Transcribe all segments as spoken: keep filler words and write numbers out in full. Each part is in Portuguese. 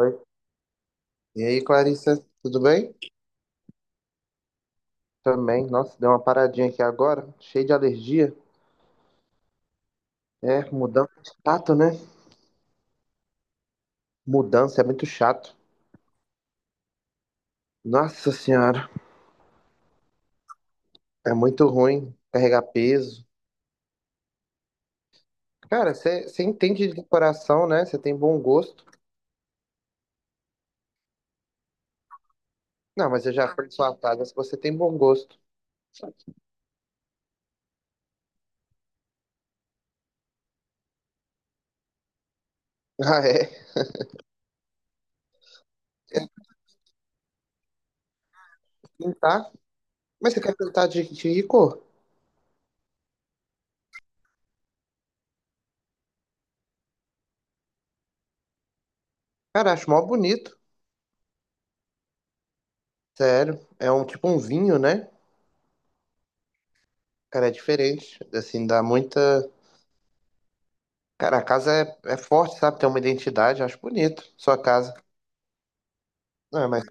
Oi. E aí, Clarissa, tudo bem? Também, nossa, deu uma paradinha aqui agora, cheio de alergia. É, mudança é chato, né? Mudança é muito chato. Nossa senhora, é muito ruim carregar peso. Cara, você entende de decoração, né? Você tem bom gosto. Não, mas eu já fui sua praga se você tem bom gosto. Ah, é? Pintar? Mas você quer pintar de, de que cor? Cara, acho mó bonito. Sério, é um tipo um vinho, né? Cara, é diferente. Assim, dá muita. Cara, a casa é, é forte, sabe? Tem uma identidade, acho bonito. Sua casa. Não, é, mas...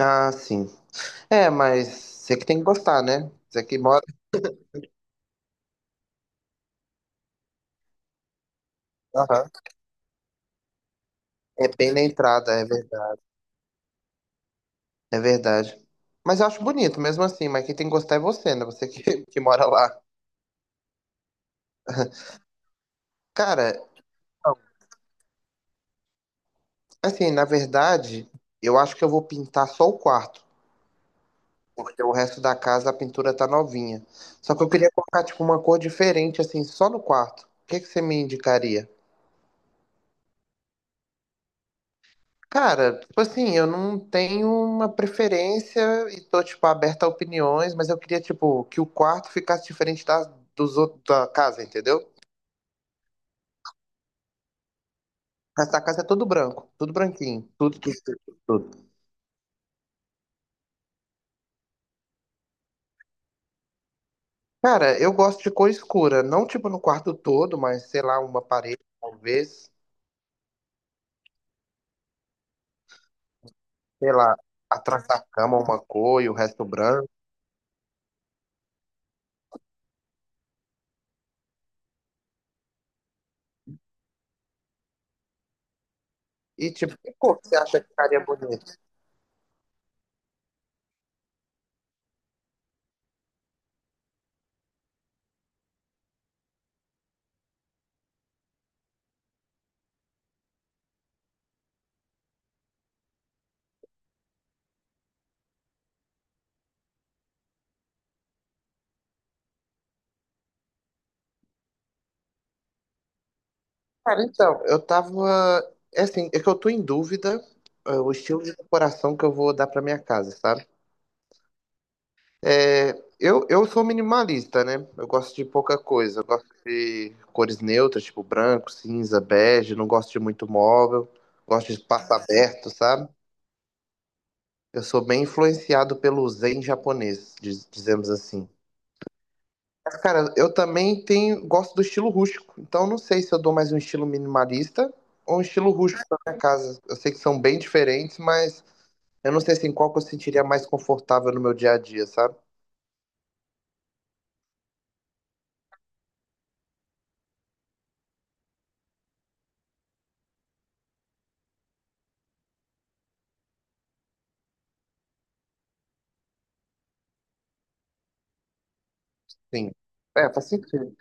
Ah, sim. É, mas você que tem que gostar, né? Você que mora. Aham. É bem na entrada, é verdade. É verdade. Mas eu acho bonito mesmo assim, mas quem tem que gostar é você, né? Você que, que mora lá. Cara, assim, na verdade, eu acho que eu vou pintar só o quarto. Porque o resto da casa a pintura tá novinha. Só que eu queria colocar, tipo, uma cor diferente, assim, só no quarto. O que que você me indicaria? Cara, tipo assim, eu não tenho uma preferência e tô, tipo, aberta a opiniões, mas eu queria, tipo, que o quarto ficasse diferente da, dos outros, da casa, entendeu? Essa casa é tudo branco, tudo branquinho, tudo, tudo, tudo. tudo. Cara, eu gosto de cor escura, não, tipo, no quarto todo, mas, sei lá, uma parede, talvez, sei lá, atrás da cama uma cor e o resto branco. E, tipo, que cor que você acha que ficaria bonito? Cara, então, eu tava. É assim, é que eu tô em dúvida é, o estilo de decoração que eu vou dar pra minha casa, sabe? É, eu, eu sou minimalista, né? Eu gosto de pouca coisa. Eu gosto de cores neutras, tipo branco, cinza, bege. Não gosto de muito móvel. Gosto de espaço aberto, sabe? Eu sou bem influenciado pelo zen japonês, diz- dizemos assim. Mas, cara, eu também tenho, gosto do estilo rústico. Então, eu não sei se eu dou mais um estilo minimalista ou um estilo rústico pra minha casa. Eu sei que são bem diferentes, mas eu não sei assim, qual que eu sentiria mais confortável no meu dia a dia, sabe? Sim. É, faz sentido.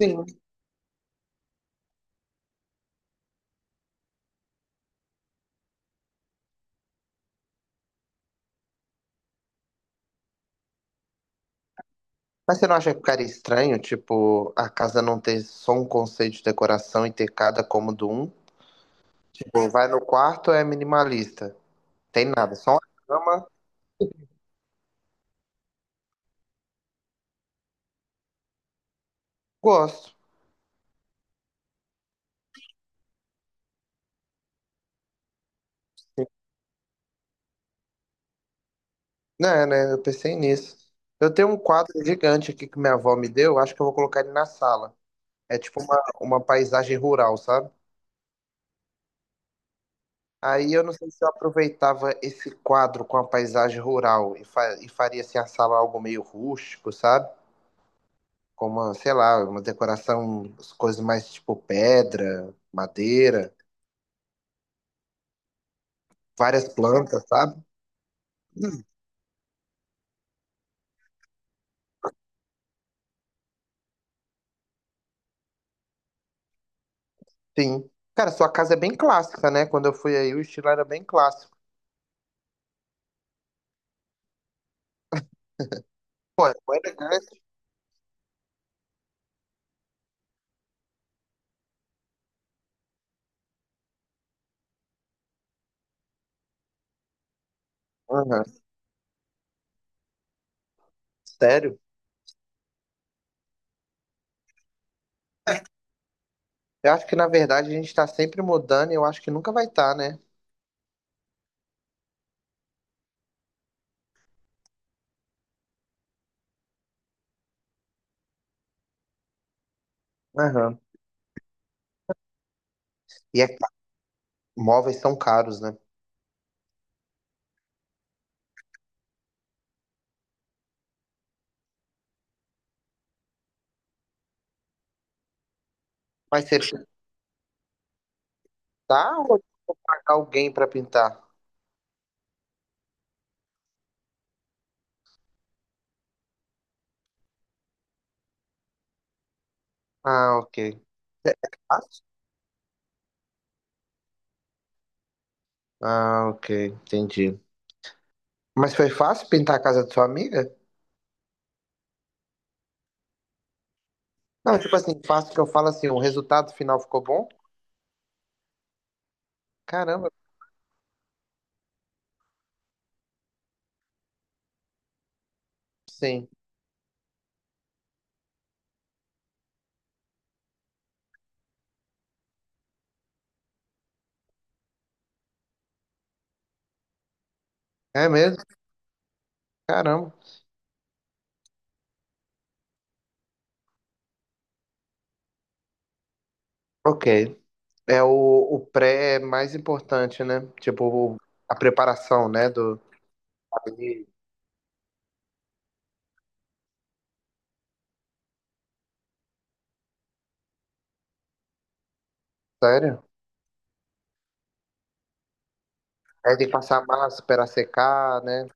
Sim. Mas você não acha que ficaria estranho, tipo, a casa não ter só um conceito de decoração e ter cada cômodo um? Tipo, vai no quarto, é minimalista. Tem nada, só uma cama. Gosto. Né, né? Eu pensei nisso. Eu tenho um quadro gigante aqui que minha avó me deu, acho que eu vou colocar ele na sala. É tipo uma, uma paisagem rural, sabe? Aí eu não sei se eu aproveitava esse quadro com a paisagem rural e, fa e faria assim a sala algo meio rústico, sabe? Com uma, sei lá, uma decoração, as coisas mais tipo pedra, madeira, várias plantas, sabe? Hum. Sim. Cara, sua casa é bem clássica, né? Quando eu fui aí, o estilo era bem clássico. Pô, é elegante. Aham. Sério? Eu acho que, na verdade, a gente está sempre mudando e eu acho que nunca vai estar, né? Aham. E é, ca- móveis são caros, né? Mas você pintar ou eu vou pagar alguém para pintar? Ah, ok. É é fácil? Ah, ok, entendi. Mas foi fácil pintar a casa de sua amiga? Não, tipo assim, fácil que eu falo assim, o resultado final ficou bom? Caramba, sim. É mesmo? Caramba. Ok. É o, o pré é mais importante, né? Tipo, o- a preparação, né? Do... Sério? É de passar massa para secar, né?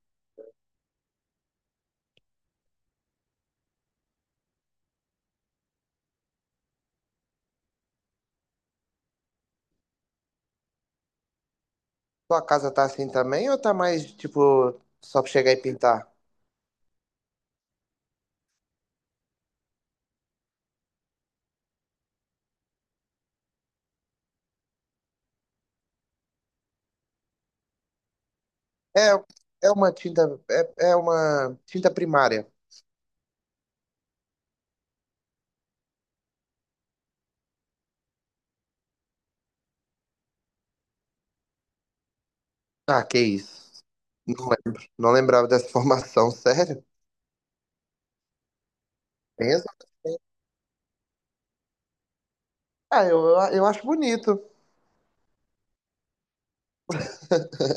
Tua casa tá assim também ou tá mais, tipo, só pra chegar e pintar? É, é uma tinta, é, é uma tinta primária. Ah, que isso. Não lembro. Não lembrava dessa formação, sério? Pensa. Ah, eu, eu, eu acho bonito.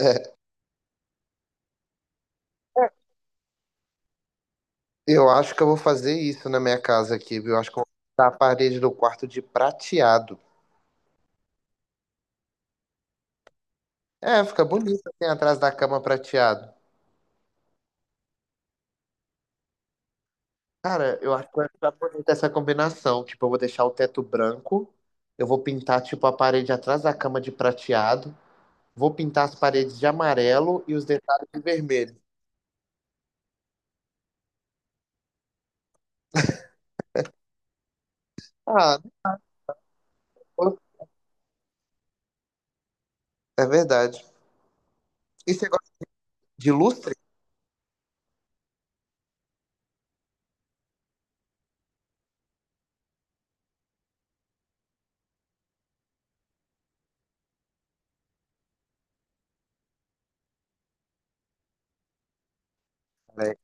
Eu acho que eu vou fazer isso na minha casa aqui, viu? Eu acho que eu vou pintar a parede do quarto de prateado. É, fica bonito assim atrás da cama prateado. Cara, eu acho que vai ficar bonita essa combinação. Tipo, eu vou deixar o teto branco, eu vou pintar, tipo, a parede atrás da cama de prateado, vou pintar as paredes de amarelo e os detalhes de vermelho. Ah, pô, é verdade. E você gosta de lustre? Velho?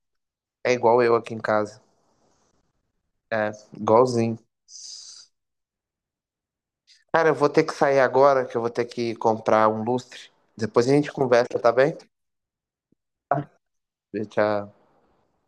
É igual eu aqui em casa. É, igualzinho. Cara, eu vou ter que sair agora, que eu vou ter que comprar um lustre. Depois a gente conversa, tá bem? Tá. Tchau.